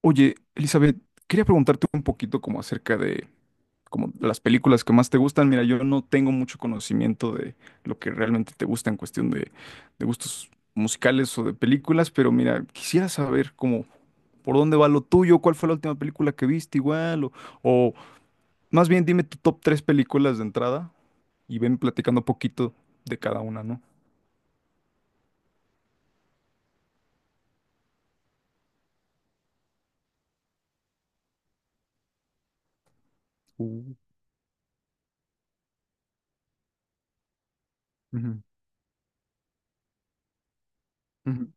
Oye, Elizabeth, quería preguntarte un poquito como acerca de como de las películas que más te gustan. Mira, yo no tengo mucho conocimiento de lo que realmente te gusta en cuestión de gustos musicales o de películas, pero mira, quisiera saber como por dónde va lo tuyo, cuál fue la última película que viste igual, o más bien dime tu top tres películas de entrada y ven platicando poquito de cada una, ¿no? Uh, Ujú. Ujú.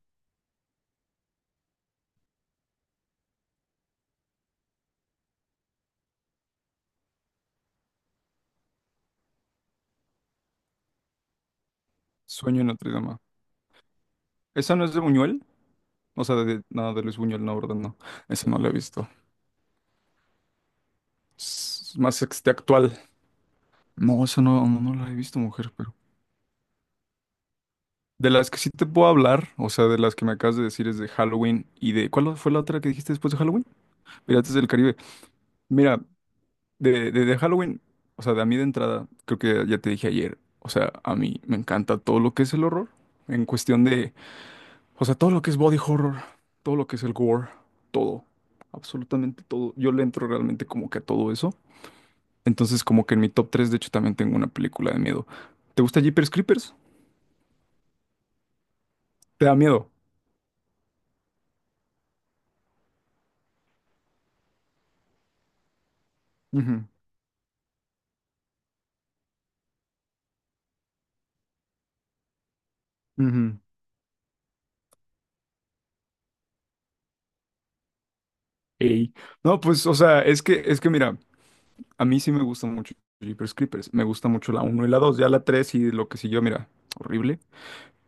Sueño en Notre Dame. ¿Esa no es de Buñuel? O sea, de, no, de Luis Buñuel, no, ¿verdad? No, esa no la he visto. Es más este actual. No, esa no, no, no la he visto, mujer, pero. De las que sí te puedo hablar, o sea, de las que me acabas de decir es de Halloween y de. ¿Cuál fue la otra que dijiste después de Halloween? Piratas del Caribe. Mira, de Halloween, o sea, de a mí de entrada, creo que ya te dije ayer, o sea, a mí me encanta todo lo que es el horror, en cuestión de. O sea, todo lo que es body horror, todo lo que es el gore, todo, absolutamente todo. Yo le entro realmente como que a todo eso. Entonces, como que en mi top 3 de hecho, también tengo una película de miedo. ¿Te gusta Jeepers Creepers? ¿Te da miedo? Ujú, ujú. Ey. No, pues, o sea, es que mira, a mí sí me gusta mucho Jeepers Creepers. Me gusta mucho la uno, y la 2, ya la 3 y lo que siguió, mira, horrible.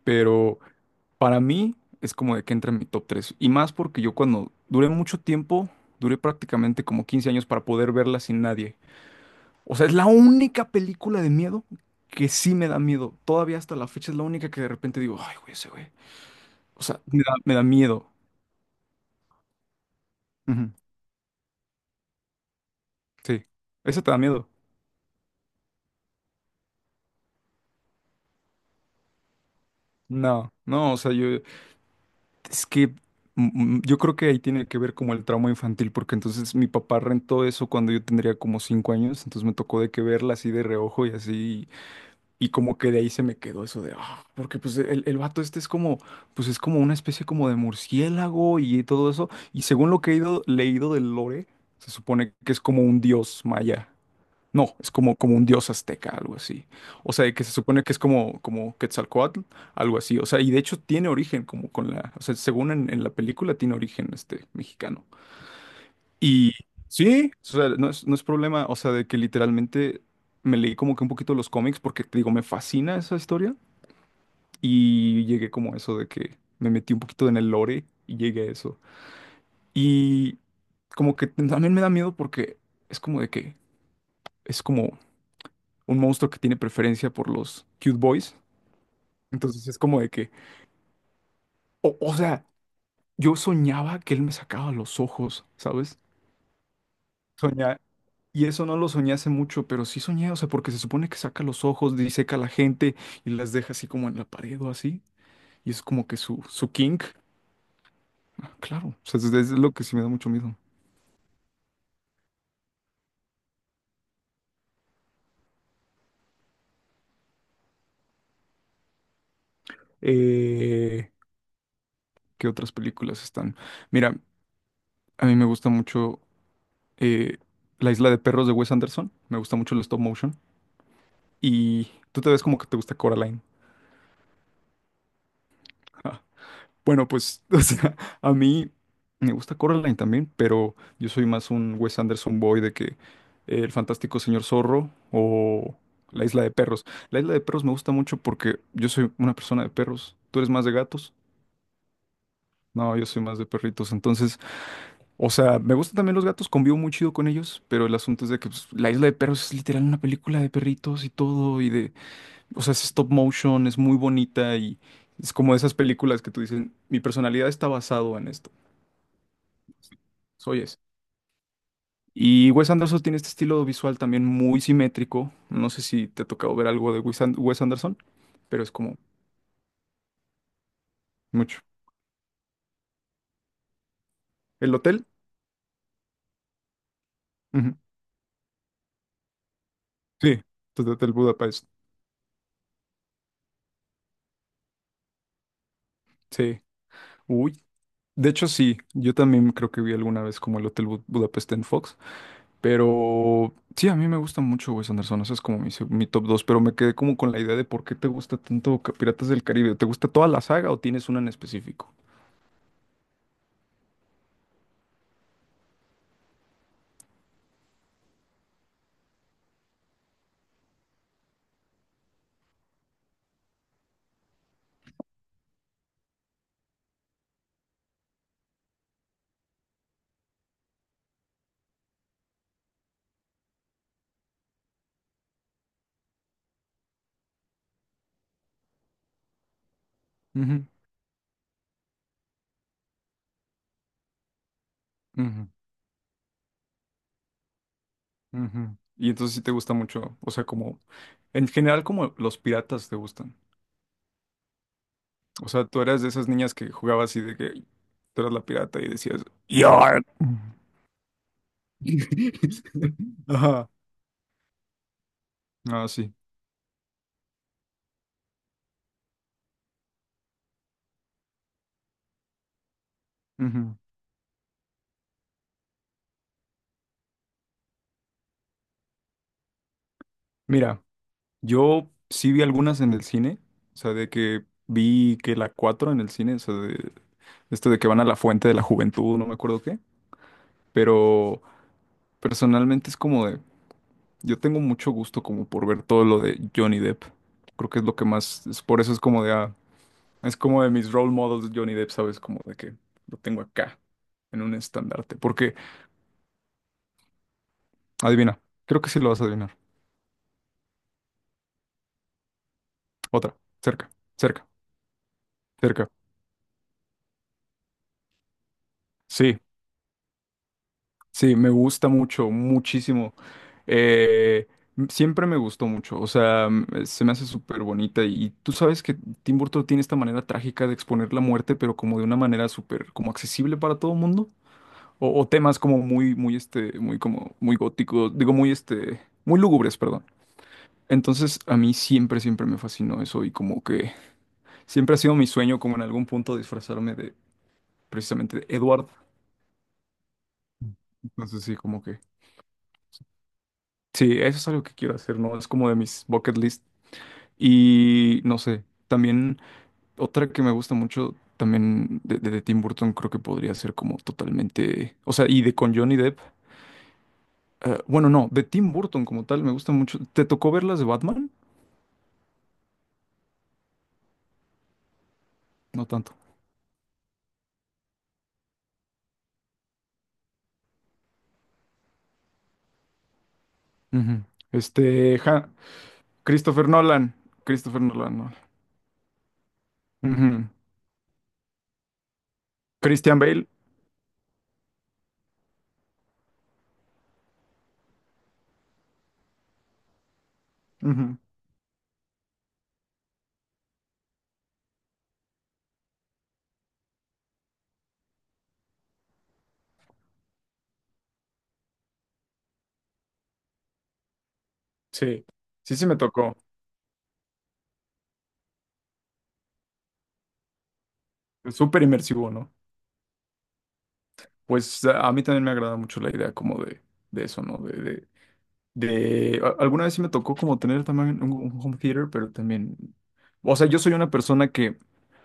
Pero para mí es como de que entra en mi top 3 y más porque yo cuando duré mucho tiempo, duré prácticamente como 15 años para poder verla sin nadie. O sea, es la única película de miedo que sí me da miedo. Todavía hasta la fecha es la única que de repente digo, ay, güey, ese güey. O sea, me da miedo. Ujú, sí. ¿Eso te da miedo? No, no, o sea, yo, es que yo creo que ahí tiene que ver como el trauma infantil, porque entonces mi papá rentó eso cuando yo tendría como 5 años, entonces me tocó de que verla así de reojo y así, y como que de ahí se me quedó eso de, porque pues el, vato este es como, pues es como una especie como de murciélago y todo eso. Y según lo que he ido, leído del lore, se supone que es como un dios maya. No, es como, como, un dios azteca, algo así. O sea, que se supone que es como Quetzalcóatl, algo así. O sea, y de hecho tiene origen como con la, o sea, según en la película tiene origen este mexicano. Y sí, o sea, no es problema, o sea, de que literalmente me leí como que un poquito los cómics porque te digo, me fascina esa historia y llegué como a eso de que me metí un poquito en el lore y llegué a eso. Y como que también me da miedo porque es como de que es como un monstruo que tiene preferencia por los cute boys. Entonces es como de que, o sea, yo soñaba que él me sacaba los ojos, ¿sabes? Soñaba. Y eso no lo soñé hace mucho, pero sí soñé, o sea, porque se supone que saca los ojos, diseca a la gente y las deja así como en la pared o así. Y es como que su kink. Ah, claro, o sea, es lo que sí me da mucho miedo. Eh, ¿Qué otras películas están? Mira, a mí me gusta mucho eh, La Isla de Perros de Wes Anderson. Me gusta mucho el stop motion. Y tú te ves como que te gusta Coraline. Bueno, pues, o sea, a mí me gusta Coraline también, pero yo soy más un Wes Anderson boy de que El Fantástico Señor Zorro o La Isla de Perros. La Isla de Perros me gusta mucho porque yo soy una persona de perros. ¿Tú eres más de gatos? No, yo soy más de perritos. Entonces, o sea, me gustan también los gatos, convivo muy chido con ellos, pero el asunto es de que pues, La Isla de Perros es literal una película de perritos y todo, y de, o sea, es stop motion, es muy bonita y... Es como de esas películas que tú dices, mi personalidad está basado en esto. Soy ese. Y Wes Anderson tiene este estilo visual también muy simétrico. No sé si te ha tocado ver algo de Wes Anderson, pero es como mucho. ¿El hotel? Ujú. Sí, el Hotel Budapest. Sí. Uy. De hecho, sí. Yo también creo que vi alguna vez como el Hotel Budapest en Fox. Pero sí, a mí me gusta mucho Wes Anderson. Ese es como mi top dos. Pero me quedé como con la idea de por qué te gusta tanto Piratas del Caribe. ¿Te gusta toda la saga o tienes una en específico? Ujú, ujú. Ujú. Y entonces sí te gusta mucho, o sea, como, en general como los piratas te gustan. O sea, tú eras de esas niñas que jugabas y de que tú eras la pirata y decías, ¡Yar! Ajá. Ah, sí. Ujú. Mira, yo sí vi algunas en el cine, o sea, de que vi que la 4 en el cine, o sea, de esto de que van a la fuente de la juventud, no me acuerdo qué, pero personalmente es como de, yo tengo mucho gusto como por ver todo lo de Johnny Depp. Creo que es lo que más, es por eso es como de, es como de mis role models Johnny Depp, ¿sabes? Como de que lo tengo acá, en un estandarte. Porque, adivina, creo que sí lo vas a adivinar. Otra, cerca, cerca, cerca. Sí, sí, me gusta mucho, muchísimo. Eh, siempre me gustó mucho, o sea, se me hace súper bonita. Y tú sabes que Tim Burton tiene esta manera trágica de exponer la muerte, pero como de una manera súper, como accesible para todo el mundo. O temas como muy, muy, este, muy como, muy góticos, digo, muy, este, muy lúgubres, perdón. Entonces, a mí siempre, siempre me fascinó eso y como que siempre ha sido mi sueño como en algún punto disfrazarme de precisamente de Edward. Entonces, sí, como que, sí, eso es algo que quiero hacer, ¿no? Es como de mis bucket list. Y no sé, también otra que me gusta mucho también de Tim Burton creo que podría ser como totalmente, o sea, y de con Johnny Depp. Bueno, no, de Tim Burton como tal, me gusta mucho. ¿Te tocó ver las de Batman? No tanto. Ujú. Este, Christopher Nolan. Christopher Nolan, no. Ujú. Christian Bale. Ujú. Sí, sí, sí me tocó. Es súper inmersivo, ¿no? Pues a mí también me agrada mucho la idea como de, eso, ¿no? Alguna vez sí me tocó como tener también un home theater, pero también... O sea, yo soy una persona que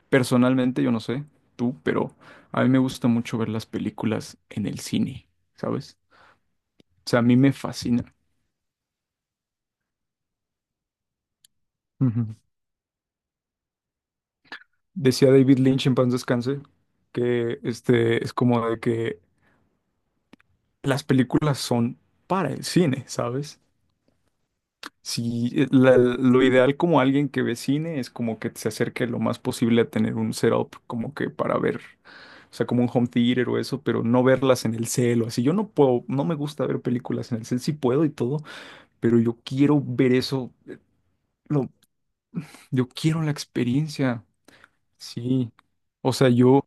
personalmente, yo no sé, tú, pero a mí me gusta mucho ver las películas en el cine, ¿sabes? O sea, a mí me fascina. Ujú. Decía David Lynch en paz descanse que este es como de que las películas son para el cine, ¿sabes? Si lo ideal como alguien que ve cine es como que se acerque lo más posible a tener un setup como que para ver, o sea, como un home theater o eso, pero no verlas en el cel o así. Yo no puedo, no me gusta ver películas en el cel, sí puedo y todo, pero yo quiero ver eso, lo, yo quiero la experiencia, sí. O sea, yo.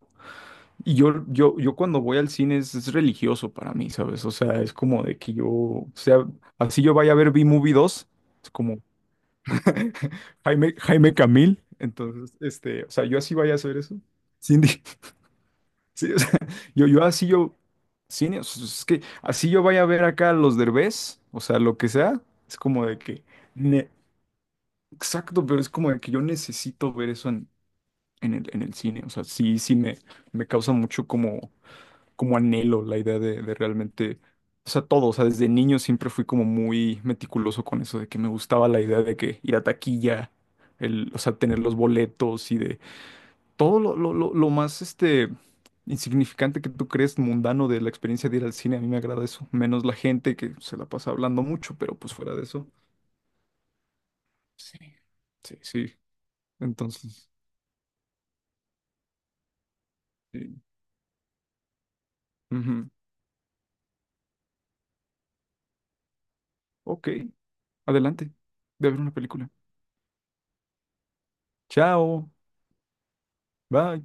Y yo cuando voy al cine es religioso para mí, ¿sabes? O sea, es como de que yo, o sea, así yo vaya a ver B-Movie 2, es como Jaime, Jaime Camil, entonces, este, o sea, yo así vaya a hacer eso. Cindy, sí, o sea, yo así yo, cine, o sea, es que así yo vaya a ver acá a los Derbez, o sea, lo que sea, es como de que, ne- exacto, pero es como de que yo necesito ver eso en el cine, o sea, sí, sí me causa mucho como anhelo la idea de realmente, o sea, todo, o sea, desde niño siempre fui como muy meticuloso con eso, de que me gustaba la idea de que ir a taquilla, o sea, tener los boletos y de todo lo más, este, insignificante que tú crees mundano de la experiencia de ir al cine, a mí me agrada eso, menos la gente que se la pasa hablando mucho, pero pues fuera de eso. Sí, sí, sí, entonces, sí. Ujú. Ok, adelante, voy a ver una película. Chao, bye.